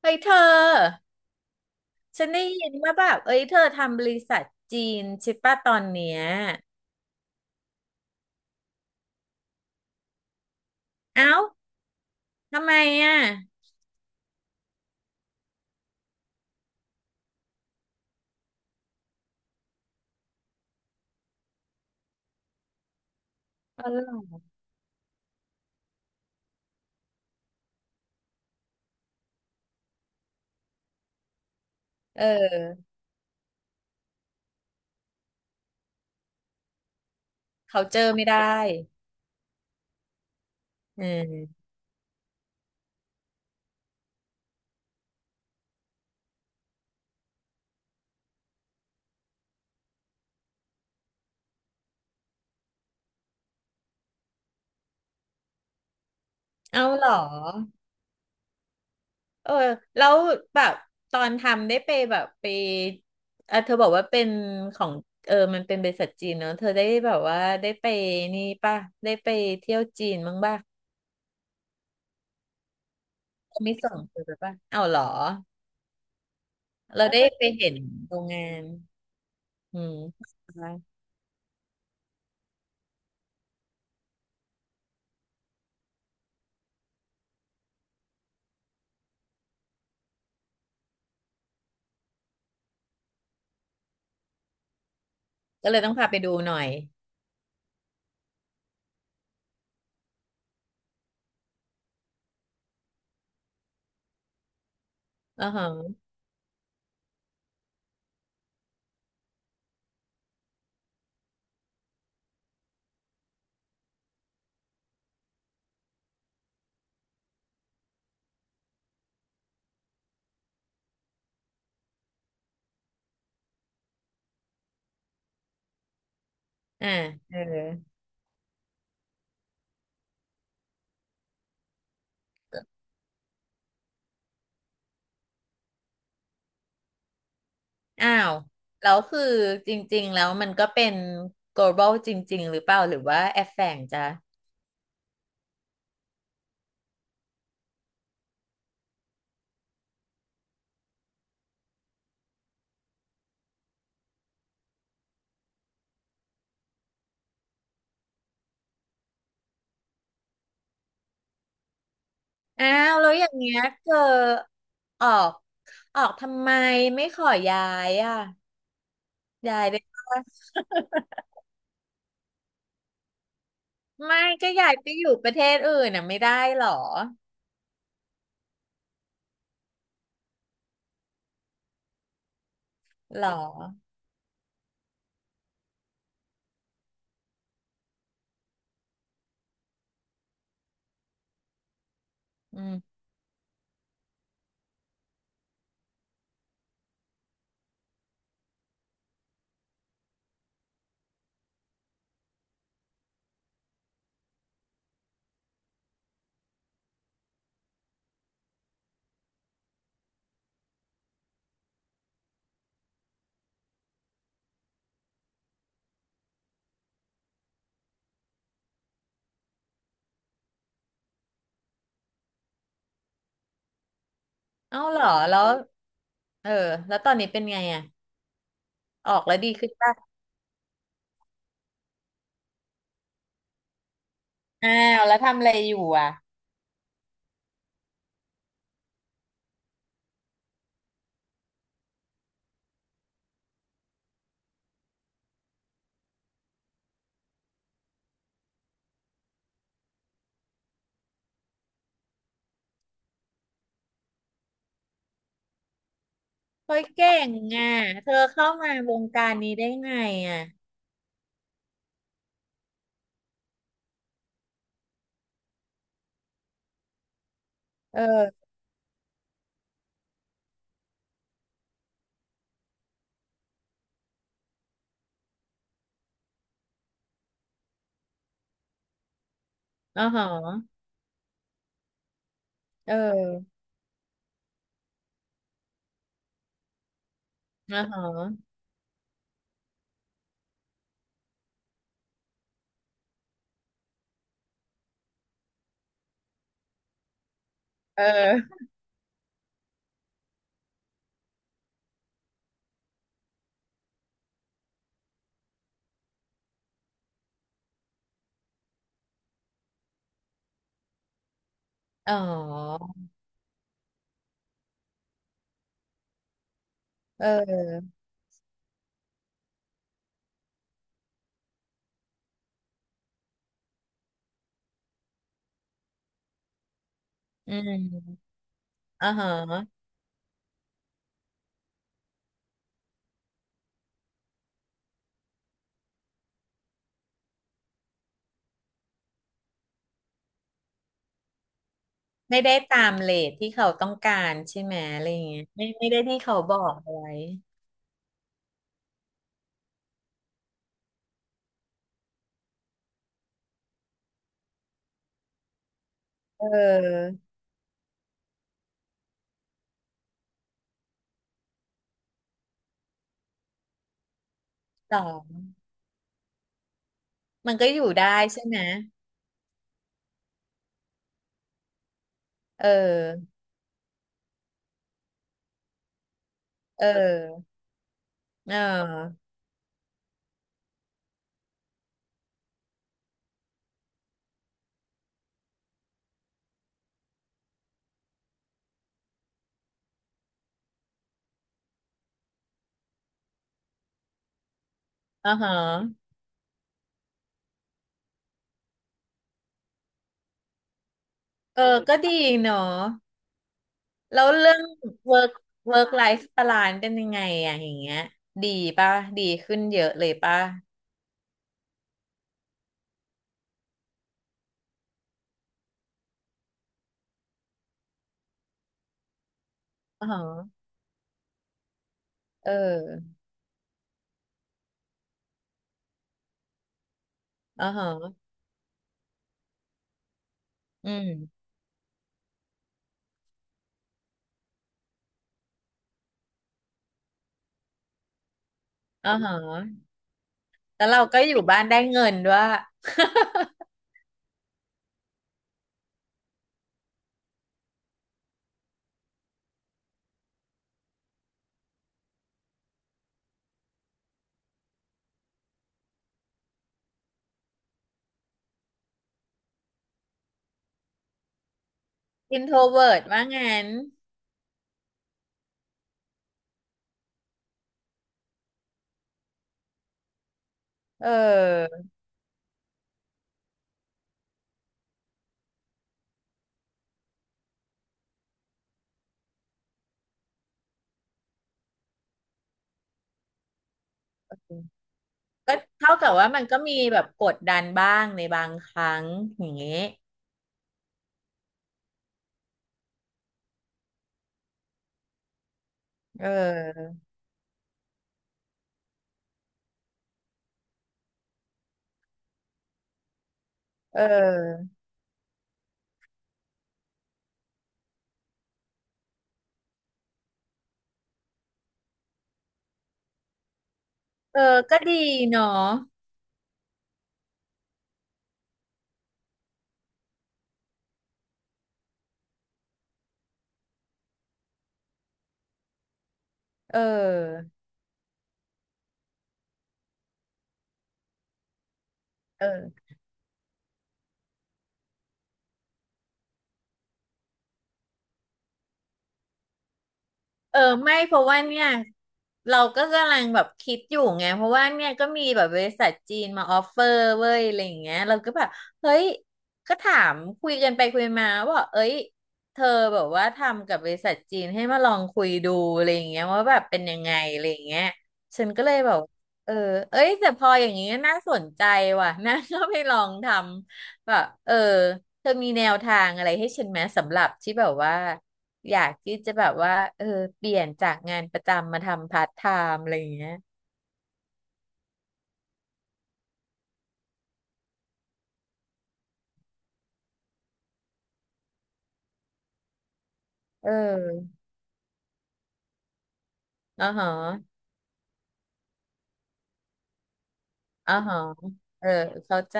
เฮ้ยเธอฉันได้ยินว่าแบบเอ้ยเธอทำบริษัทจีนใช่ปะตอนเนี้ยเอ้าทำไมอ่ะอ๋อเหรอเออเขาเจอไม่ได้เออเอ้าเหรอเออแล้วแบบตอนทำได้ไปแบบไปอ่ะเธอบอกว่าเป็นของเออมันเป็นบริษัทจีนเนอะเธอได้แบบว่าได้ไปนี่ป่ะได้ไปเที่ยวจีนบ้างป่ะเขาไม่ส่งเธอไปป่ะเอ้าเหรอเราได้ไปเห็นโรงงานอืม ก็เลยต้องพาไปดูหน่อยอ่าฮะอ่าเอออ้าว แล้วคือจริงๆแล้วมันก็เป็น global จริงๆหรือเปล่าหรือว่าแอบแฝงจ้ะอ้าวแล้วอย่างเงี้ยเธอออกออกทำไมไม่ขอย้ายอ่ะย้ายได้ปะ ไม่ก็ย้ายไปอยู่ประเทศอื่นน่ะไม่ได้หรอหรออืมเอ้าหรอแล้วเออแล้วตอนนี้เป็นไงอ่ะออกแล้วดีขึ้นป่ะอ้าวแล้วทำอะไรอยู่อ่ะ เฮ้ยเก่งอ่ะเธอเข้ามาวงการนี้ได้ไงอ่ะเอออ๋อหอเอออ๋อหอเอออ๋อเอออืมอ๋อหไม่ได้ตามเรทที่เขาต้องการใช่ไหมอะไรอย่างเงี้ยไม่ไม่ได้ที่เขาบอกเอาไว้เออสองมันก็อยู่ได้ใช่ไหมเออเออเอออ๋อหอเออก็ดีเนาะ แล้วเรื่อง work work life balance เป็นยังไงอะอย่างเงี้ยดีป่ะดีขึ้นเยอะเลยป่ะอ๋อเอออ๋ออืมอ๋อแล้วเราก็อยู่บ้านได้เงินด้วย introvert ว่างั้นเออก็เท่ากับว่ามันก็มีแบบกดดันบ้างในบางครั้งอย่างเงี้ยเออเออเออก็ดีเนาะเออเออ เออไม่เพราะว่าเนี่ยเราก็กำลังแบบคิดอยู่ไงเพราะว่าเนี่ยก็มีแบบบริษัทจีนมาออฟเฟอร์เว้ยอะไรอย่างเงี้ยเราก็แบบเฮ้ยก็ถามคุยกันไปคุยมาว่าเอ้ยเธอแบบว่าทำกับบริษัทจีนให้มาลองคุยดูอะไรอย่างเงี้ยว่าแบบเป็นยังไงอะไรอย่างเงี้ยฉันก็เลยแบบเออเอ้ยแต่พออย่างเงี้ยน่าสนใจว่ะน่าก็ไปลองทำแบบเออเธอมีแนวทางอะไรให้ฉันไหมสำหรับที่แบบว่า อยากที่จะแบบว่าเออเปลี่ยนจากงานประจำมาทำพาร์ทไทม์อะไรอย่างเงี้ยเอออ๋อฮะอ๋อฮะเออ เข้าใจ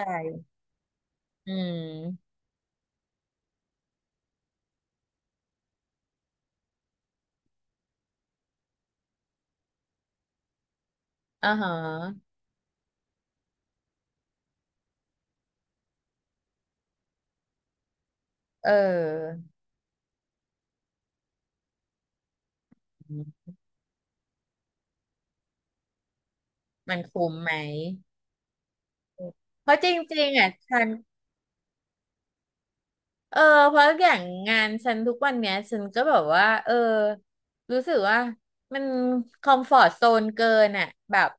อืมอ๋อฮะเออ มันคุ้มไหม เพราะจริงๆอ่ะฉัน เออ เพราะอย่างงานฉันทุกวันเนี้ยฉันก็แบบว่า เออ รู้สึกว่ามันคอมฟอร์ z โซนเกินอ่ะแบบ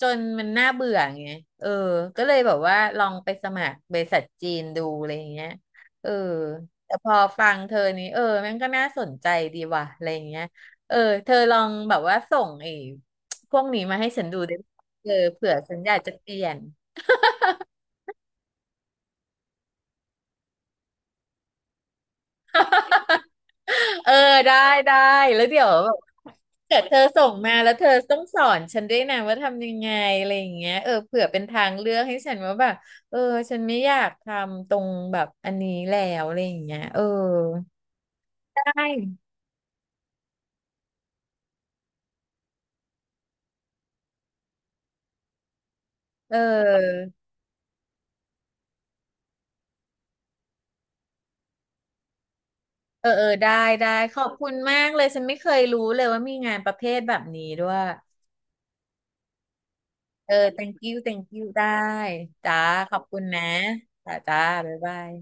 จนมันน่าเบื่อไงเออ ก็เลยแบบว่าลองไปสมัครบริษัทจีนดูอะไรอย่างเงี้ยเออ แต่พอฟังเธอนี้เออแมันก็น่าสนใจดีว่ะอะไรอย่างเงี้ยเออ เธอลองแบบว่าส่งไอ้พวกนี้มาให้ฉันดูได้ไหมเออเผื่อฉันอยากจะเปลี่ยน เออได้ได้แล้วเดี๋ยวแบบเกิดเธอส่งมาแล้วเธอต้องสอนฉันด้วยนะว่าทำยังไงอะไรอย่างเงี้ยเออเผื่อเป็นทางเลือกให้ฉันว่าแบบเออฉันไม่อยากทำตรงแบบอันนี้แล้วอะไรอย่างเงี้ยเออได้เออเออเออได้ได้ขอบคุณมากเลยฉันไม่เคยรู้เลยว่ามีงานประเภทแบบนี้ด้วยเออ thank you thank you ได้จ้าขอบคุณนะจ้าจ้าบ๊ายบาย